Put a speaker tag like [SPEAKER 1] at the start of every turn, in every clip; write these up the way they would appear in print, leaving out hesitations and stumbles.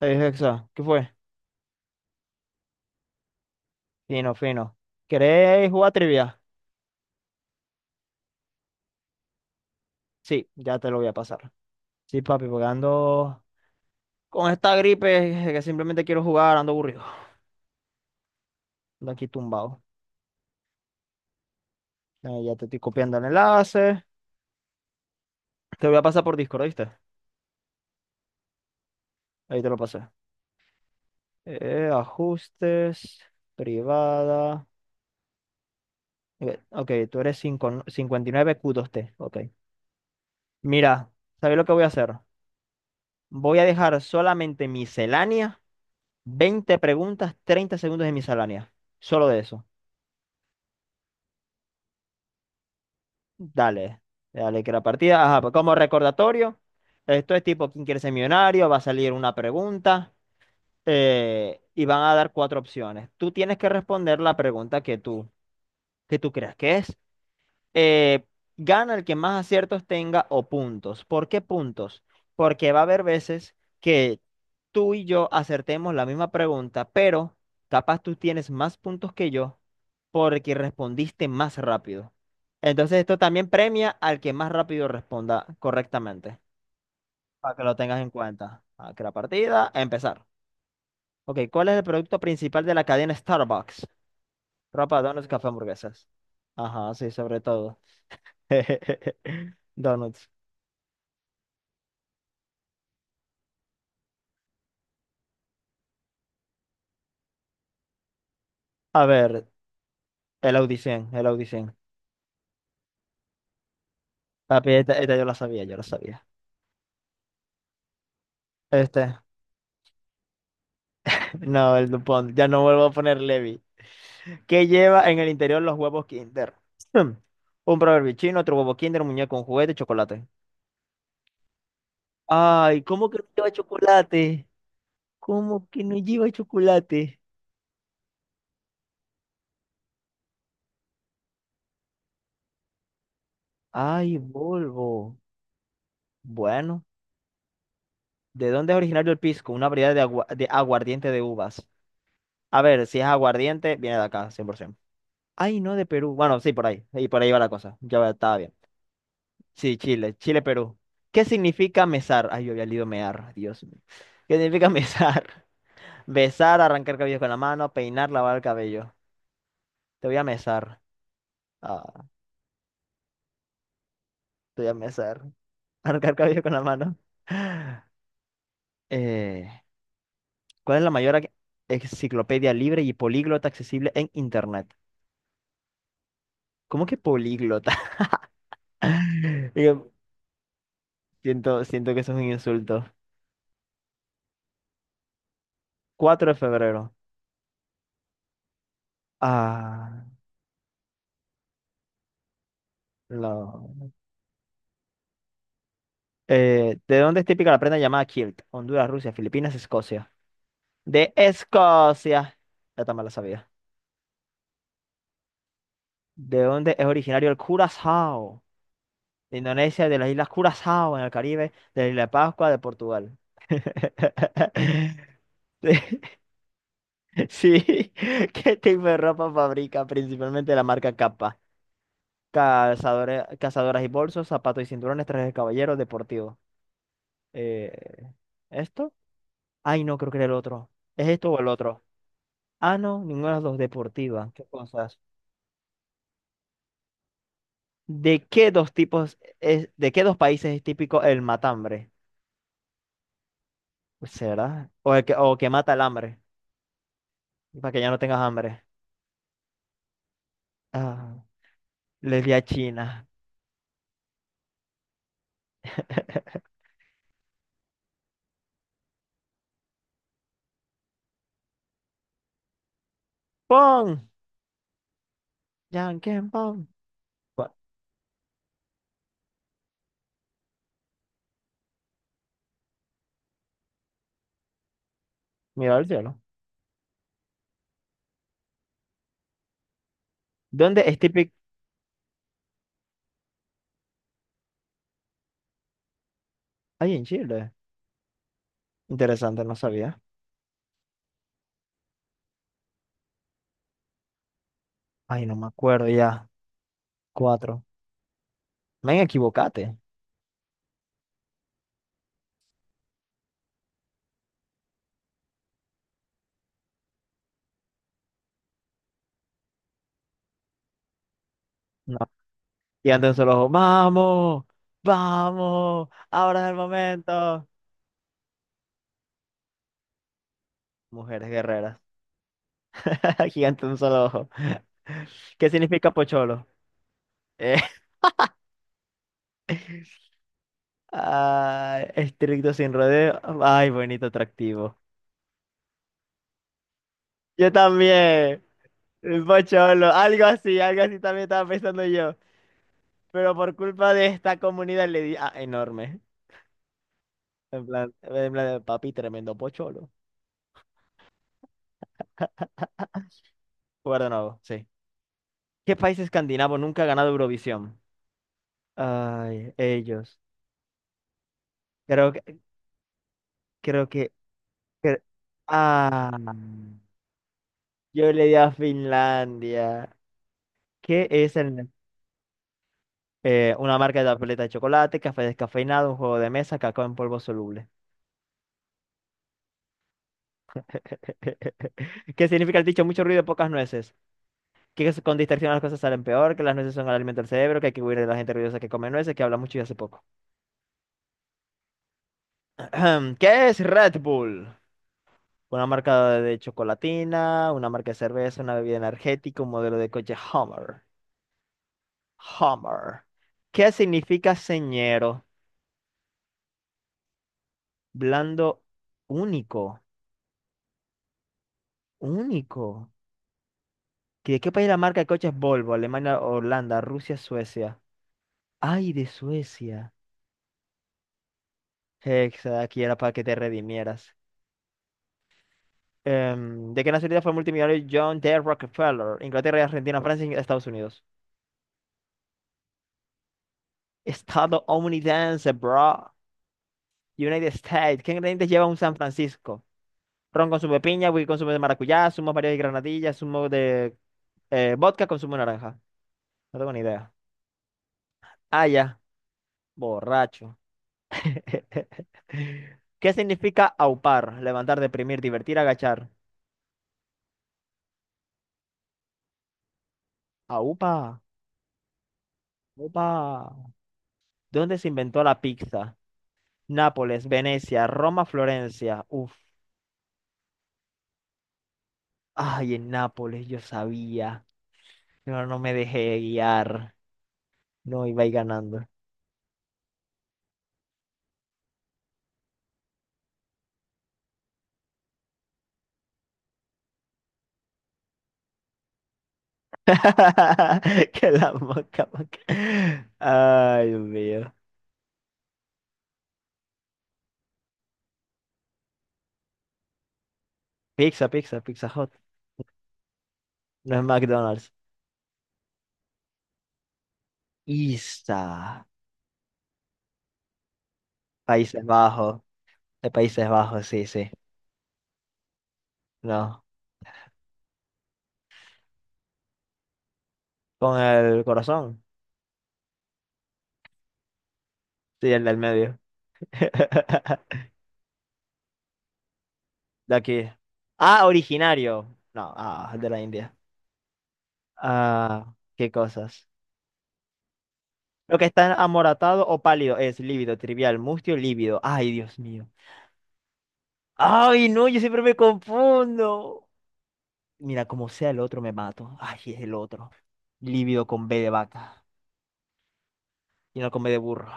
[SPEAKER 1] Es exacto. ¿Qué fue? Fino, fino. ¿Querés jugar trivia? Sí, ya te lo voy a pasar. Sí, papi, porque ando con esta gripe que simplemente quiero jugar, ando aburrido. Ando aquí tumbado. Ya te estoy copiando el enlace. Te lo voy a pasar por Discord, ¿viste? Ahí te lo pasé. Ajustes, privada. Ok, tú eres 559Q2T. Ok. Mira, ¿sabes lo que voy a hacer? Voy a dejar solamente miscelánea, 20 preguntas, 30 segundos de miscelánea. Solo de eso. Dale, dale que la partida. Ajá, pues como recordatorio, esto es tipo ¿quién quiere ser millonario? Va a salir una pregunta y van a dar cuatro opciones. Tú tienes que responder la pregunta que tú creas que es eh, gana el que más aciertos tenga o puntos. ¿Por qué puntos? Porque va a haber veces que tú y yo acertemos la misma pregunta, pero capaz tú tienes más puntos que yo porque respondiste más rápido. Entonces esto también premia al que más rápido responda correctamente, para que lo tengas en cuenta. Aquí la partida, a empezar. Ok, ¿cuál es el producto principal de la cadena Starbucks? Ropa, donuts, café, hamburguesas. Ajá, sí, sobre todo. Donuts. A ver, el Audicien, el Audicien. Papi, esta yo la sabía, yo la sabía. Este, no, el Dupont. Ya no vuelvo a poner Levi. ¿Qué lleva en el interior los huevos Kinder? Hmm. Un proverbio chino, otro huevo Kinder, un muñeco, un juguete, chocolate. Ay, ¿cómo que no lleva chocolate? ¿Cómo que no lleva chocolate? Ay, Volvo. Bueno, ¿de dónde es originario el pisco? Una variedad de, agua- de aguardiente de uvas. A ver, si es aguardiente, viene de acá, 100%. Ay, no, de Perú. Bueno, sí, por ahí. Y por ahí va la cosa. Ya va- estaba bien. Sí, Chile. Chile, Perú. ¿Qué significa mesar? Ay, yo había leído mear. Dios mío. ¿Qué significa mesar? Besar, arrancar cabellos con la mano, peinar, lavar el cabello. Te voy a mesar. Ah, te voy a mesar. Arrancar cabello con la mano. Eh, ¿cuál es la mayor ac- enciclopedia libre y políglota accesible en Internet? ¿Cómo que políglota? Digo, siento que eso es un insulto. 4 de febrero. Ah. No. ¿De dónde es típica la prenda llamada kilt? Honduras, Rusia, Filipinas, Escocia. De Escocia. Ya también la sabía. ¿De dónde es originario el curazao? De Indonesia, de las islas Curazao en el Caribe, de la isla de Pascua, de Portugal. Sí, ¿qué tipo de ropa fabrica? Principalmente la marca Kappa. Calzadores, cazadoras y bolsos, zapatos y cinturones, trajes de caballero, deportivo. Eh, ¿Esto? Ay, no, creo que era el otro. ¿Es esto o el otro? Ah, no, ninguna de las dos deportiva. ¿Qué cosas? ¿De qué dos tipos es, de qué dos países es típico el matambre? Pues, ¿será? O el que, o que mata el hambre, para que ya no tengas hambre. Ah, le di a China. ¡Pon! ¡Yanquen, pon! Bueno, mira al cielo. ¿Dónde es típico? Ay, en Chile. Interesante, no sabía. Ay, no me acuerdo ya. Cuatro. Me equivocate. Y andan solo, ojo, vamos, vamos, ahora es el momento. Mujeres guerreras. Gigante de un solo ojo. ¿Qué significa pocholo? Eh, ah, estricto sin rodeo. Ay, bonito atractivo. Yo también. El Pocholo. Algo así también estaba pensando yo. Pero por culpa de esta comunidad le di. Ah, enorme. En plan, papi, tremendo pocholo. Jugar sí. ¿Qué país escandinavo nunca ha ganado Eurovisión? Ay, ellos. Creo que, creo que, cre- ah, yo le di a Finlandia. ¿Qué es el, una marca de tableta de chocolate, café descafeinado, un juego de mesa, cacao en polvo soluble? ¿Qué significa el dicho? Mucho ruido, pocas nueces. Que es- con distracción las cosas salen peor, que las nueces son el alimento del cerebro, que hay que huir de la gente ruidosa que come nueces, que habla mucho y hace poco. ¿Qué es Red Bull? Una marca de chocolatina, una marca de cerveza, una bebida energética, un modelo de coche Hummer. Hummer. ¿Qué significa señero? Blando único. Único. ¿De qué país la marca de coches Volvo? Alemania, Holanda, Rusia, Suecia. Ay, de Suecia. Hexa, aquí era para que te redimieras. ¿De qué nacionalidad fue el multimillonario John D. Rockefeller? Inglaterra, Argentina, Francia y Estados Unidos. Estadounidense, bro. United States. ¿Qué ingredientes lleva un San Francisco? Ron con zumo de piña, whisky con zumo de maracuyá, zumo de varios y granadillas, zumo de vodka con zumo de naranja. No tengo ni idea. Ah, ya, borracho. ¿Qué significa aupar? Levantar, deprimir, divertir, agachar. Aupa, aupa. ¿Dónde se inventó la pizza? Nápoles, Venecia, Roma, Florencia. Uf. Ay, en Nápoles, yo sabía. Pero no me dejé guiar. No iba a ir ganando. Que la moca, moca. Ay, Dios mío. Pizza, pizza, Pizza Hot. No es McDonald's. Isa. Países Bajos. De Países Bajos, sí, sí. No. Con el corazón. Sí, el del medio. De aquí. Ah, originario. No, ah, de la India. Ah, qué cosas. Lo que está amoratado o pálido es lívido, trivial, mustio, lívido. Ay, Dios mío. Ay, no, yo siempre me confundo. Mira, como sea el otro, me mato. Ay, es el otro. Lívido con B de vaca y no con B de burro.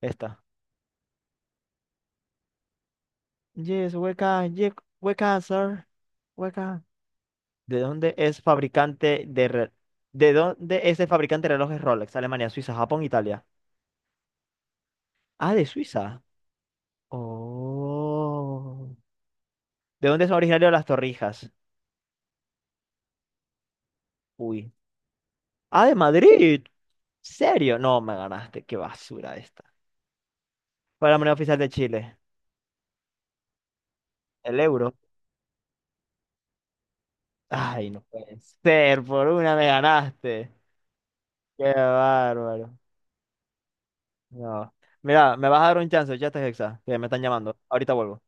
[SPEAKER 1] Esta. Yes, we can, sir. We can. ¿De dónde es fabricante de re- ¿De dónde es el fabricante de relojes Rolex? Alemania, Suiza, Japón, Italia. Ah, de Suiza. Oh. ¿De dónde son originarios las torrijas? Uy. Ah, de Madrid. ¿Serio? No, me ganaste. Qué basura esta. ¿Cuál es la moneda oficial de Chile? El euro. Ay, no puede ser. Por una me ganaste. Qué bárbaro. No. Mira, me vas a dar un chance, ya estás hexa, que me están llamando. Ahorita vuelvo.